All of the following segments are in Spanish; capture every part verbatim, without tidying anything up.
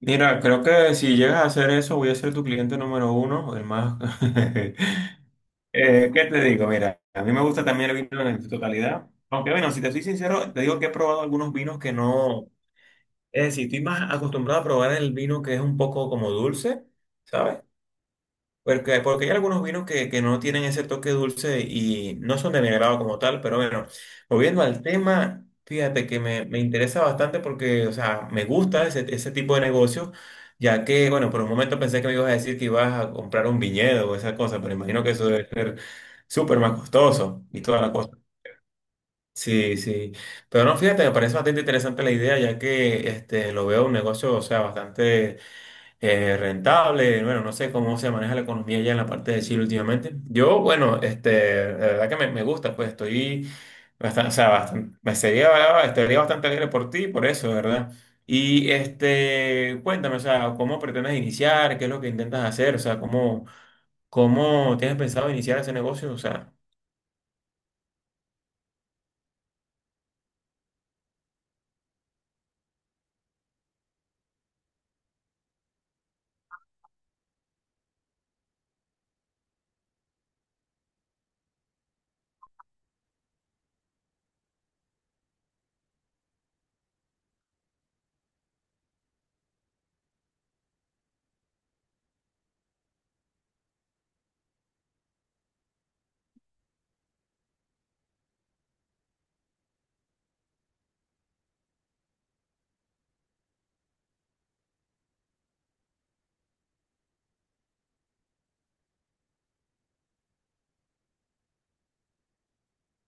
Mira, creo que si llegas a hacer eso, voy a ser tu cliente número uno, o el más. Eh, ¿qué te digo? Mira, a mí me gusta también el vino en su totalidad. Aunque bueno, si te soy sincero, te digo que he probado algunos vinos que no. Es decir, estoy más acostumbrado a probar el vino que es un poco como dulce, ¿sabes? Porque, porque hay algunos vinos que, que no tienen ese toque dulce y no son de mi agrado como tal, pero bueno, volviendo al tema, fíjate que me, me interesa bastante porque, o sea, me gusta ese, ese tipo de negocios, ya que, bueno, por un momento pensé que me ibas a decir que ibas a comprar un viñedo o esa cosa, pero imagino que eso debe ser súper más costoso y toda la cosa. Sí, sí. Pero no, fíjate, me parece bastante interesante la idea, ya que este, lo veo un negocio, o sea, bastante eh, rentable, bueno, no sé cómo se maneja la economía ya en la parte de Chile últimamente. Yo, bueno, este, la verdad que me, me gusta, pues estoy bastante, o sea, bastante, me sería, estaría bastante alegre por ti, por eso, ¿verdad? Y este, cuéntame, o sea, ¿cómo pretendes iniciar? ¿Qué es lo que intentas hacer? O sea, ¿cómo, cómo tienes pensado iniciar ese negocio? O sea.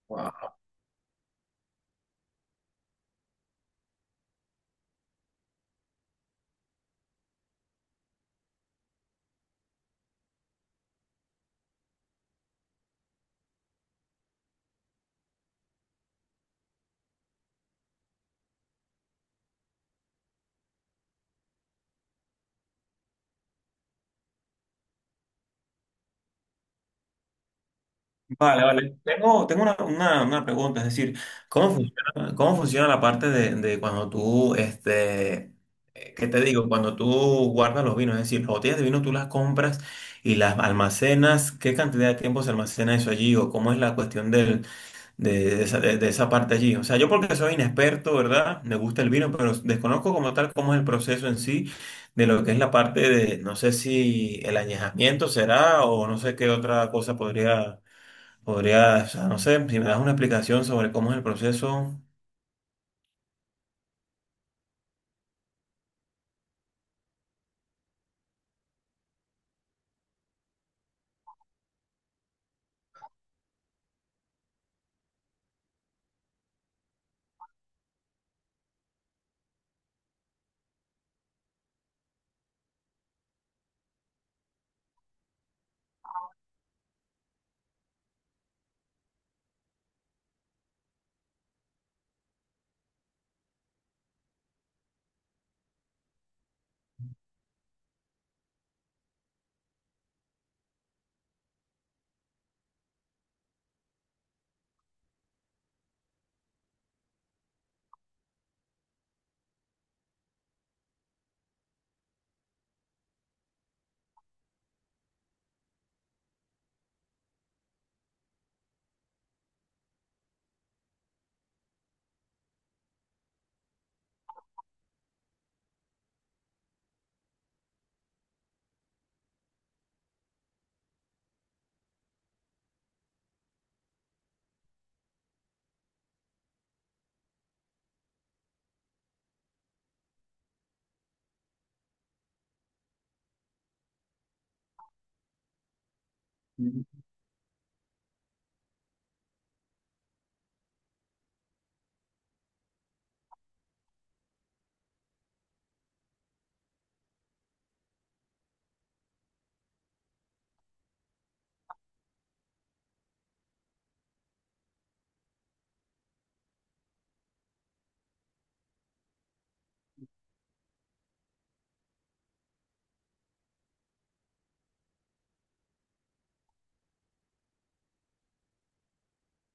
Wow. Vale, vale. Tengo, tengo una, una- una pregunta, es decir, ¿cómo funciona, cómo funciona la parte de, de cuando tú, este, eh, ¿qué te digo? Cuando tú guardas los vinos, es decir, las botellas de vino tú las compras y las almacenas, ¿qué cantidad de tiempo se almacena eso allí? ¿O cómo es la cuestión del, de, de esa, de- de esa parte allí? O sea, yo porque soy inexperto, ¿verdad? Me gusta el vino, pero desconozco como tal cómo es el proceso en sí de lo que es la parte de, no sé si el añejamiento será o no sé qué otra cosa podría. Podrías, o sea, no sé, si me das una explicación sobre cómo es el proceso.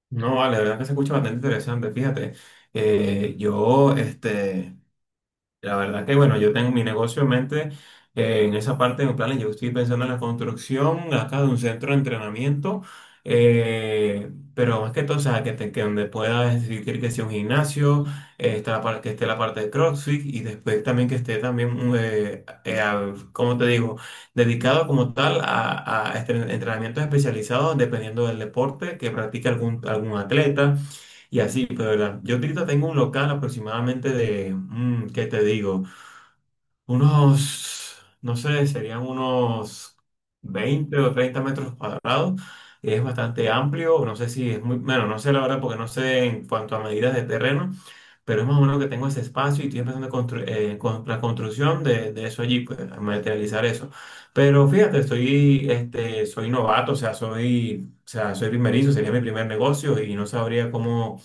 No, vale, la verdad que se escucha bastante interesante. Fíjate, eh, yo, este, la verdad que bueno, yo tengo mi negocio en mente eh, en esa parte de mis planes. Yo estoy pensando en la construcción acá de un centro de entrenamiento, eh, pero más que todo, o sea, que, te- que donde pueda decir que sea un gimnasio, eh, está la par- que esté la parte de CrossFit y después también que esté también, mm, eh, eh, a- ¿cómo te digo? Dedicado como tal a, a este- entrenamientos especializados dependiendo del deporte que practica algún, algún atleta. Y así, pues, verdad. Yo ahorita tengo un local aproximadamente de, mm, ¿qué te digo? Unos, no sé, serían unos veinte o treinta metros cuadrados. Es bastante amplio, no sé si es muy, bueno, no sé la verdad porque no sé en cuanto a medidas de terreno, pero es más o menos que tengo ese espacio y estoy empezando a constru- eh, con la construcción de, de eso allí, pues, a materializar eso. Pero fíjate, estoy, este, soy novato, o sea, soy, o sea, soy primerizo, sería mi primer negocio y no sabría cómo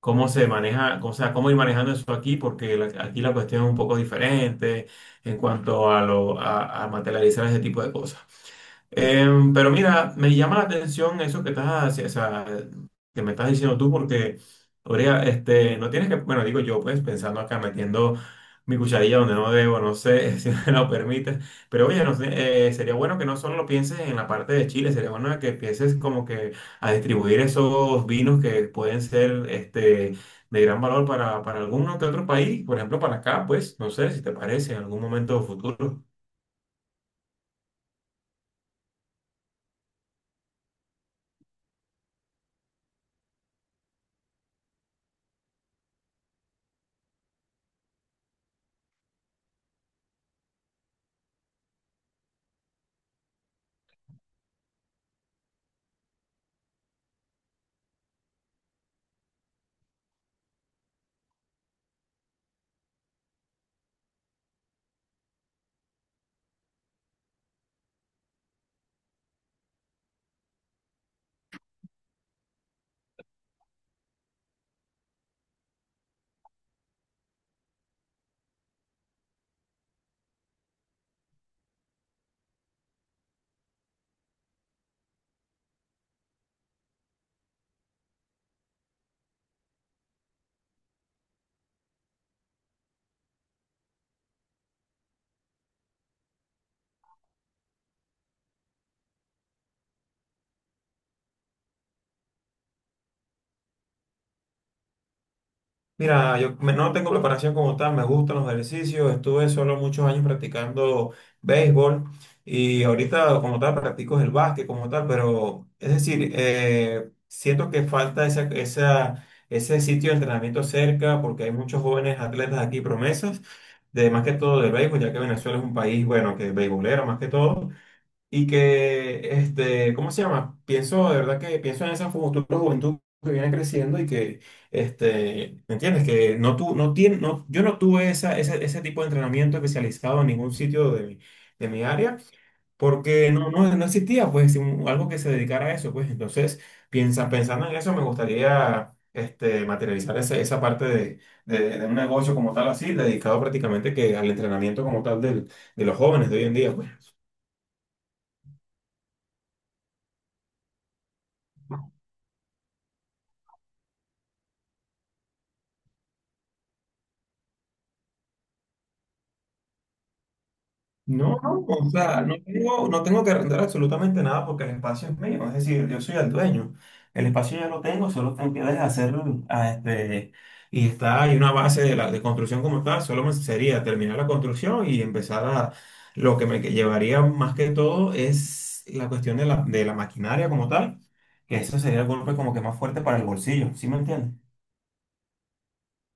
cómo se maneja, o sea, cómo ir manejando eso aquí, porque la- aquí la cuestión es un poco diferente en cuanto a, lo, a, a materializar ese tipo de cosas. Em, pero mira, me llama la atención eso que estás, haci- o sea, que me estás diciendo tú, porque, Orea, este, no tienes que, bueno, digo yo, pues, pensando acá, metiendo mi cucharilla donde no debo, no sé si me lo permites, pero oye, no sé, eh, sería bueno que no solo lo pienses en la parte de Chile, sería bueno que empieces como que a distribuir esos vinos que pueden ser, este, de gran valor para, para algún que otro país, por ejemplo, para acá, pues, no sé si te parece en algún momento futuro. Mira, yo me- no tengo preparación como tal, me gustan los ejercicios, estuve solo muchos años practicando béisbol y ahorita como tal practico el básquet como tal, pero es decir, eh, siento que falta esa, esa- ese sitio de entrenamiento cerca porque hay muchos jóvenes atletas aquí promesas, de más que todo del béisbol, ya que Venezuela es un país, bueno, que es beisbolero más que todo. Y que, este, ¿cómo se llama? Pienso, de verdad que pienso en esa futura juventud que viene creciendo y que, este, ¿me entiendes? Que no tu, no tiene, no, yo no tuve esa, ese, ese tipo de entrenamiento especializado en ningún sitio de, mi- de mi área porque no, no, no existía, pues, un- algo que se dedicara a eso, pues. Entonces, piensa, pensando en eso, me gustaría, este, materializar ese- esa parte de, de, de un negocio como tal, así, dedicado prácticamente que al entrenamiento como tal del- de los jóvenes de hoy en día, pues. No, no, o sea, no tengo, no tengo que arrendar absolutamente nada porque el espacio es mío, es decir, yo soy el dueño. El espacio ya lo tengo, solo tengo que deshacerlo a este, y está, hay una base de la de construcción como tal, solo me sería terminar la construcción y empezar a, lo que me que llevaría más que todo es la cuestión de la, de la maquinaria como tal, que eso sería el golpe como que más fuerte para el bolsillo, ¿sí me entiendes?